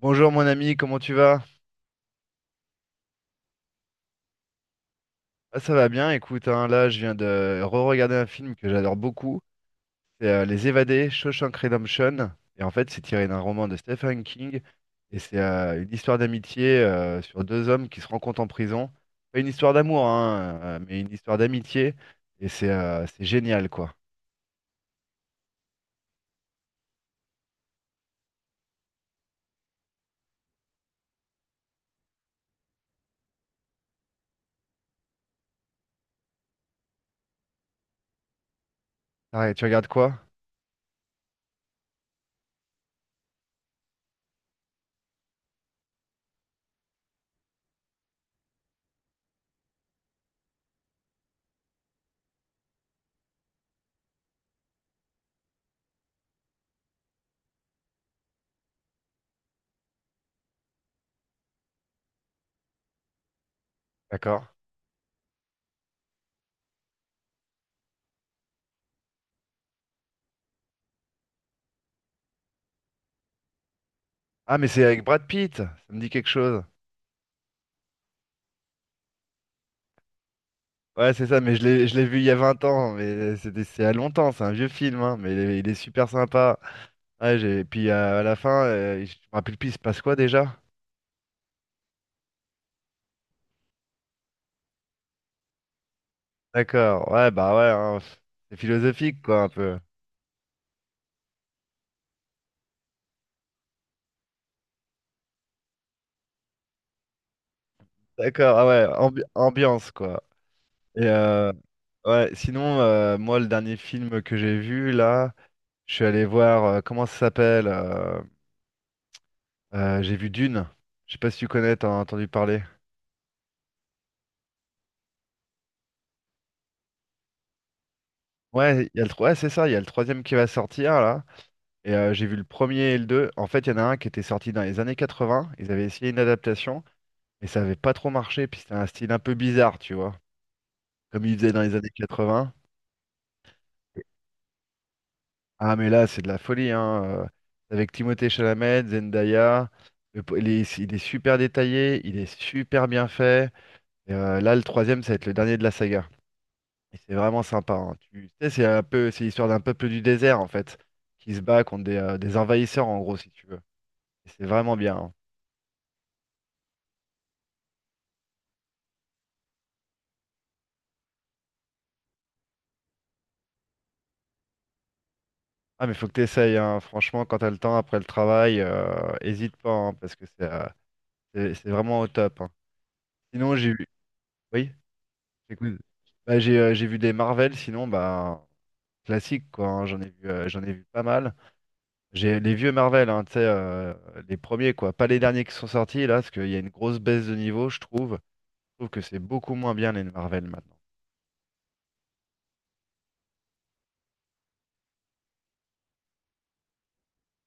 Bonjour mon ami, comment tu vas? Ah, ça va bien, écoute, hein, là je viens de re-regarder un film que j'adore beaucoup, c'est Les Évadés, Shawshank Redemption, et en fait c'est tiré d'un roman de Stephen King, et c'est une histoire d'amitié sur deux hommes qui se rencontrent en prison. Pas une histoire d'amour, hein, mais une histoire d'amitié, et c'est génial quoi. Arrête, tu regardes quoi? D'accord. Ah mais c'est avec Brad Pitt, ça me dit quelque chose. Ouais c'est ça, mais je l'ai vu il y a 20 ans, mais c'est à longtemps, c'est un vieux film, hein, mais il est super sympa. Ouais, puis à la fin, je me rappelle plus, il se passe quoi déjà? D'accord, ouais, bah ouais, hein, c'est philosophique, quoi, un peu. D'accord, ah ouais, ambiance, quoi. Et ouais, sinon, moi, le dernier film que j'ai vu, là, je suis allé voir, comment ça s'appelle? J'ai vu Dune. Je sais pas si tu connais, t'en as entendu parler. Ouais, il y a ouais, c'est ça, il y a le troisième qui va sortir, là. Et j'ai vu le premier et le deux. En fait, il y en a un qui était sorti dans les années 80. Ils avaient essayé une adaptation. Mais ça avait pas trop marché, puis c'était un style un peu bizarre, tu vois, comme il faisait dans les années 80. Ah, mais là, c'est de la folie, hein. Avec Timothée Chalamet, Zendaya, il est super détaillé, il est super bien fait. Et, là, le troisième, ça va être le dernier de la saga. Et c'est vraiment sympa, hein. Tu sais, c'est un peu, c'est l'histoire d'un peuple du désert, en fait, qui se bat contre des envahisseurs, en gros, si tu veux. Et c'est vraiment bien, hein. Ah, mais faut que tu essayes. Franchement, quand t'as le temps après le travail, hésite pas, hein, parce que c'est vraiment au top, hein. Sinon, j'ai vu. Oui, j'écoute. Bah, j'ai vu des Marvel, sinon, bah, classique, quoi, hein. J'en ai vu pas mal. J'ai les vieux Marvel, hein, tu sais, les premiers, quoi. Pas les derniers qui sont sortis, là, parce qu'il y a une grosse baisse de niveau, je trouve. Je trouve que c'est beaucoup moins bien, les Marvel, maintenant.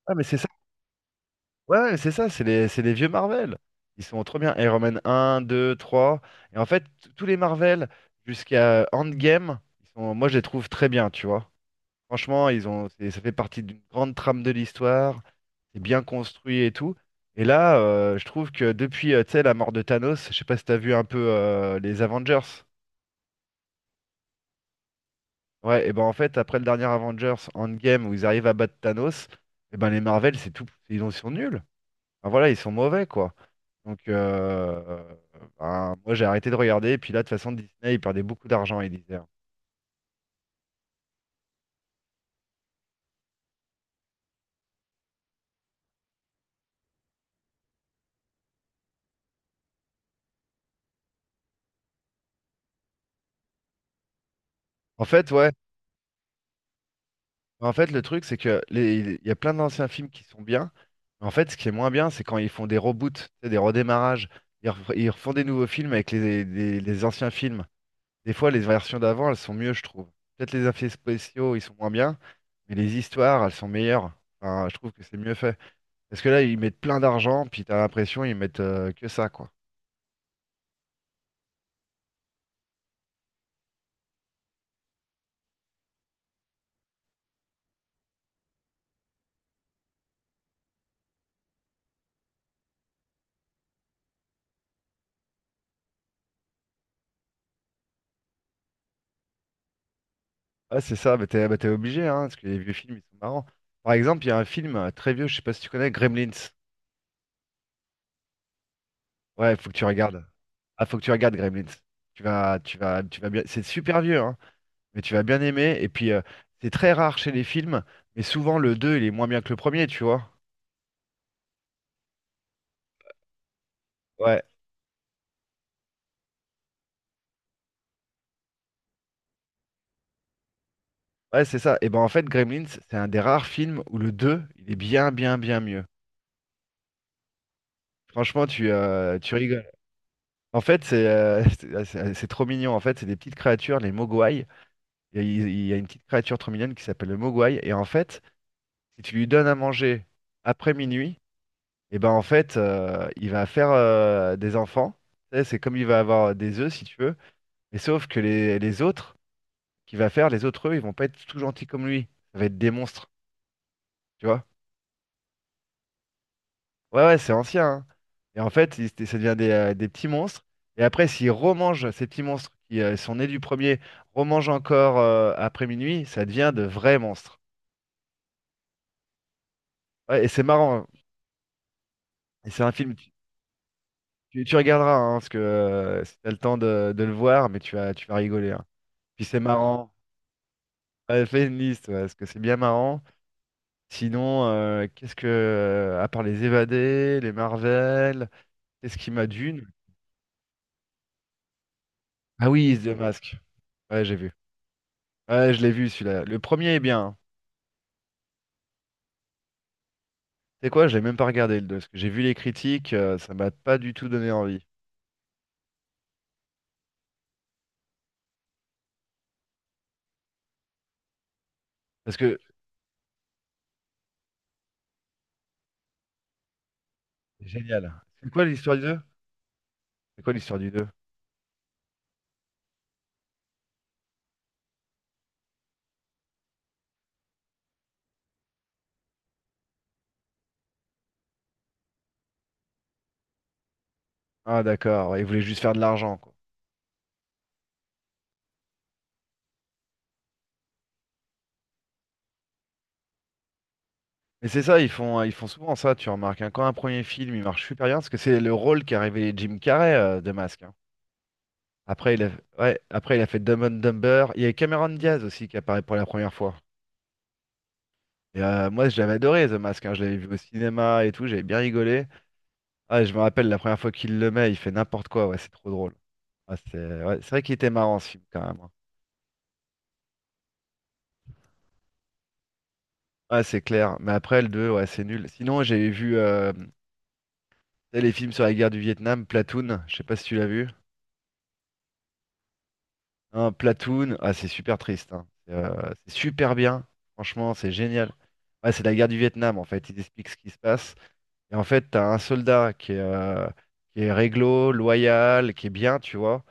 Ah, mais c'est ça. Ouais, ouais, c'est ça, c'est les vieux Marvel. Ils sont trop bien. Iron Man un, deux, trois. Et en fait, tous les Marvel, jusqu'à Endgame, ils sont, moi, je les trouve très bien, tu vois. Franchement, ils ont, ça fait partie d'une grande trame de l'histoire. C'est bien construit et tout. Et là, je trouve que depuis, tu sais, la mort de Thanos, je sais pas si t'as vu un peu les Avengers. Ouais, et ben en fait, après le dernier Avengers Endgame où ils arrivent à battre Thanos, et ben les Marvel, c'est tout, ils sont nuls. Enfin, voilà, ils sont mauvais quoi. Donc ben, moi j'ai arrêté de regarder. Et puis là, de toute façon, Disney, ils perdaient beaucoup d'argent, ils disaient. En fait, ouais. En fait, le truc, c'est que il y a plein d'anciens films qui sont bien. Mais en fait, ce qui est moins bien, c'est quand ils font des reboots, tu sais, des redémarrages. Ils refont des nouveaux films avec les anciens films. Des fois, les versions d'avant, elles sont mieux, je trouve. Peut-être les effets spéciaux, ils sont moins bien, mais les histoires, elles sont meilleures. Enfin, je trouve que c'est mieux fait. Parce que là, ils mettent plein d'argent, puis t'as l'impression ils mettent que ça, quoi. Ah, c'est ça, t'es obligé, hein, parce que les vieux films, ils sont marrants. Par exemple, il y a un film très vieux, je sais pas si tu connais, Gremlins. Ouais, faut que tu regardes. Ah, faut que tu regardes Gremlins. Tu vas bien. C'est super vieux, hein, mais tu vas bien aimer. Et puis, c'est très rare chez les films, mais souvent le 2 il est moins bien que le premier, tu vois. Ouais, ouais, c'est ça. Et ben en fait, Gremlins, c'est un des rares films où le 2 il est bien, bien, bien mieux. Franchement, tu rigoles. En fait, c'est c'est trop mignon. En fait, c'est des petites créatures, les Mogwai. Il y a une petite créature trop mignonne qui s'appelle le Mogwai. Et en fait, si tu lui donnes à manger après minuit, et ben en fait, il va faire des enfants. Tu sais, c'est comme il va avoir des œufs, si tu veux. Mais sauf que les autres qu'il va faire, les autres œufs, ils vont pas être tout gentils comme lui. Ça va être des monstres, tu vois. Ouais, ouais, c'est ancien, hein. Et en fait, ça devient des petits monstres. Et après, s'ils remangent ces petits monstres qui sont nés du premier, remangent encore après minuit, ça devient de vrais monstres. Ouais, et c'est marrant, hein. Et c'est un film, tu regarderas, hein, parce que si t'as le temps de le voir, mais tu vas rigoler, hein. Puis c'est marrant. Ouais, fais une liste, ouais, parce que c'est bien marrant. Sinon, qu'est-ce que, à part les Évadés, les Marvel, qu'est-ce qui m'a d'une? Ah oui, Is the Mask. Ouais, j'ai vu. Ouais, je l'ai vu celui-là. Le premier est bien, hein. C'est quoi? Je l'ai même pas regardé le deux, parce que j'ai vu les critiques, ça m'a pas du tout donné envie. Parce que, génial. C'est quoi l'histoire du 2? C'est quoi l'histoire du 2? Ah d'accord, ouais, ils voulaient juste faire de l'argent, quoi. Mais c'est ça, ils font souvent ça, tu remarques, hein. Quand un premier film, il marche super bien, parce que c'est le rôle qu'a révélé Jim Carrey, de masque. Après, il a, ouais, après, il a fait Dumb and Dumber. Il y a Cameron Diaz aussi qui apparaît pour la première fois. Et moi, j'avais adoré The Mask, hein. Je l'avais vu au cinéma et tout. J'avais bien rigolé. Ah, je me rappelle la première fois qu'il le met, il fait n'importe quoi. Ouais, c'est trop drôle. Ah, c'est ouais, c'est vrai qu'il était marrant ce film quand même, hein. Ouais, c'est clair. Mais après, le deux, ouais, c'est nul. Sinon, j'avais vu tu sais, les films sur la guerre du Vietnam, Platoon. Je sais pas si tu l'as vu. Hein, Platoon, ah, c'est super triste, hein. C'est super bien. Franchement, c'est génial. Ouais, c'est la guerre du Vietnam en fait. Ils expliquent ce qui se passe. Et en fait, t'as un soldat qui est réglo, loyal, qui est bien, tu vois.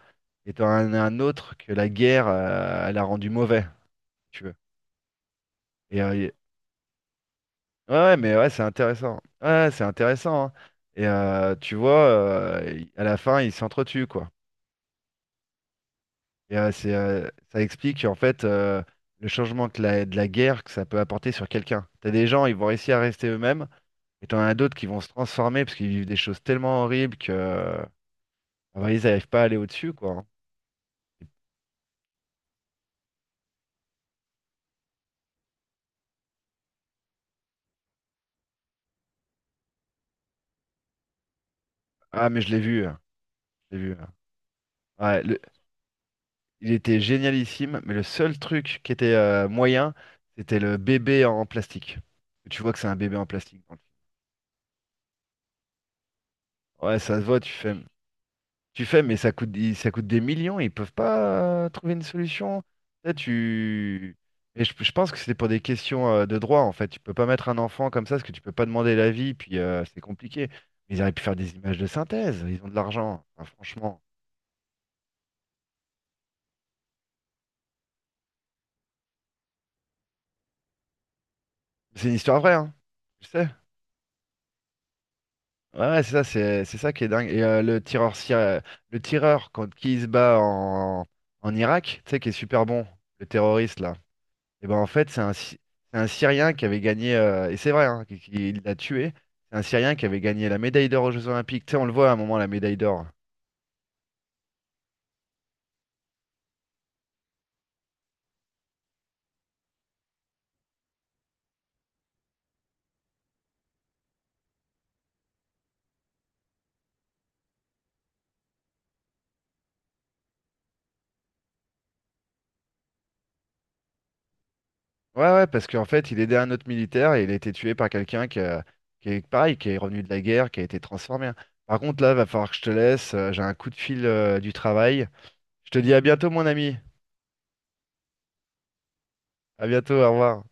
Et t'en as un autre que la guerre, elle a rendu mauvais, si tu veux. Et, ouais, ouais, mais ouais, c'est intéressant. Ouais, c'est intéressant, hein. Et tu vois, à la fin, ils s'entretuent, quoi. Et ça explique, en fait, le changement que de la guerre que ça peut apporter sur quelqu'un. T'as des gens, ils vont réussir à rester eux-mêmes. Et t'en as d'autres qui vont se transformer parce qu'ils vivent des choses tellement horribles que, bah, ils n'arrivent pas à aller au-dessus, quoi, hein. Ah, mais je l'ai vu. Je l'ai vu. Ouais. Il était génialissime, mais le seul truc qui était moyen, c'était le bébé en plastique. Tu vois que c'est un bébé en plastique dans le film. Ouais, ça se voit, tu fais. Tu fais, mais ça coûte des millions, ils peuvent pas trouver une solution. Là, tu... Et je pense que c'était pour des questions de droit, en fait. Tu peux pas mettre un enfant comme ça, parce que tu peux pas demander l'avis, puis c'est compliqué. Mais ils auraient pu faire des images de synthèse, ils ont de l'argent. Enfin, franchement. C'est une histoire vraie, hein. Je sais. Ouais, ouais, c'est ça, c'est ça qui est dingue. Et le tireur quand qui il se bat en Irak, tu sais, qui est super bon, le terroriste là. Et ben en fait, c'est un Syrien qui avait gagné, et c'est vrai, hein, il l'a tué. C'est un Syrien qui avait gagné la médaille d'or aux Jeux Olympiques. Tu sais, on le voit à un moment, la médaille d'or. Ouais, ouais, parce qu'en fait, il aidait un autre militaire et il a été tué par quelqu'un qui est pareil, qui est revenu de la guerre, qui a été transformé, hein. Par contre, là, va falloir que je te laisse. J'ai un coup de fil, du travail. Je te dis à bientôt, mon ami. À bientôt, au revoir.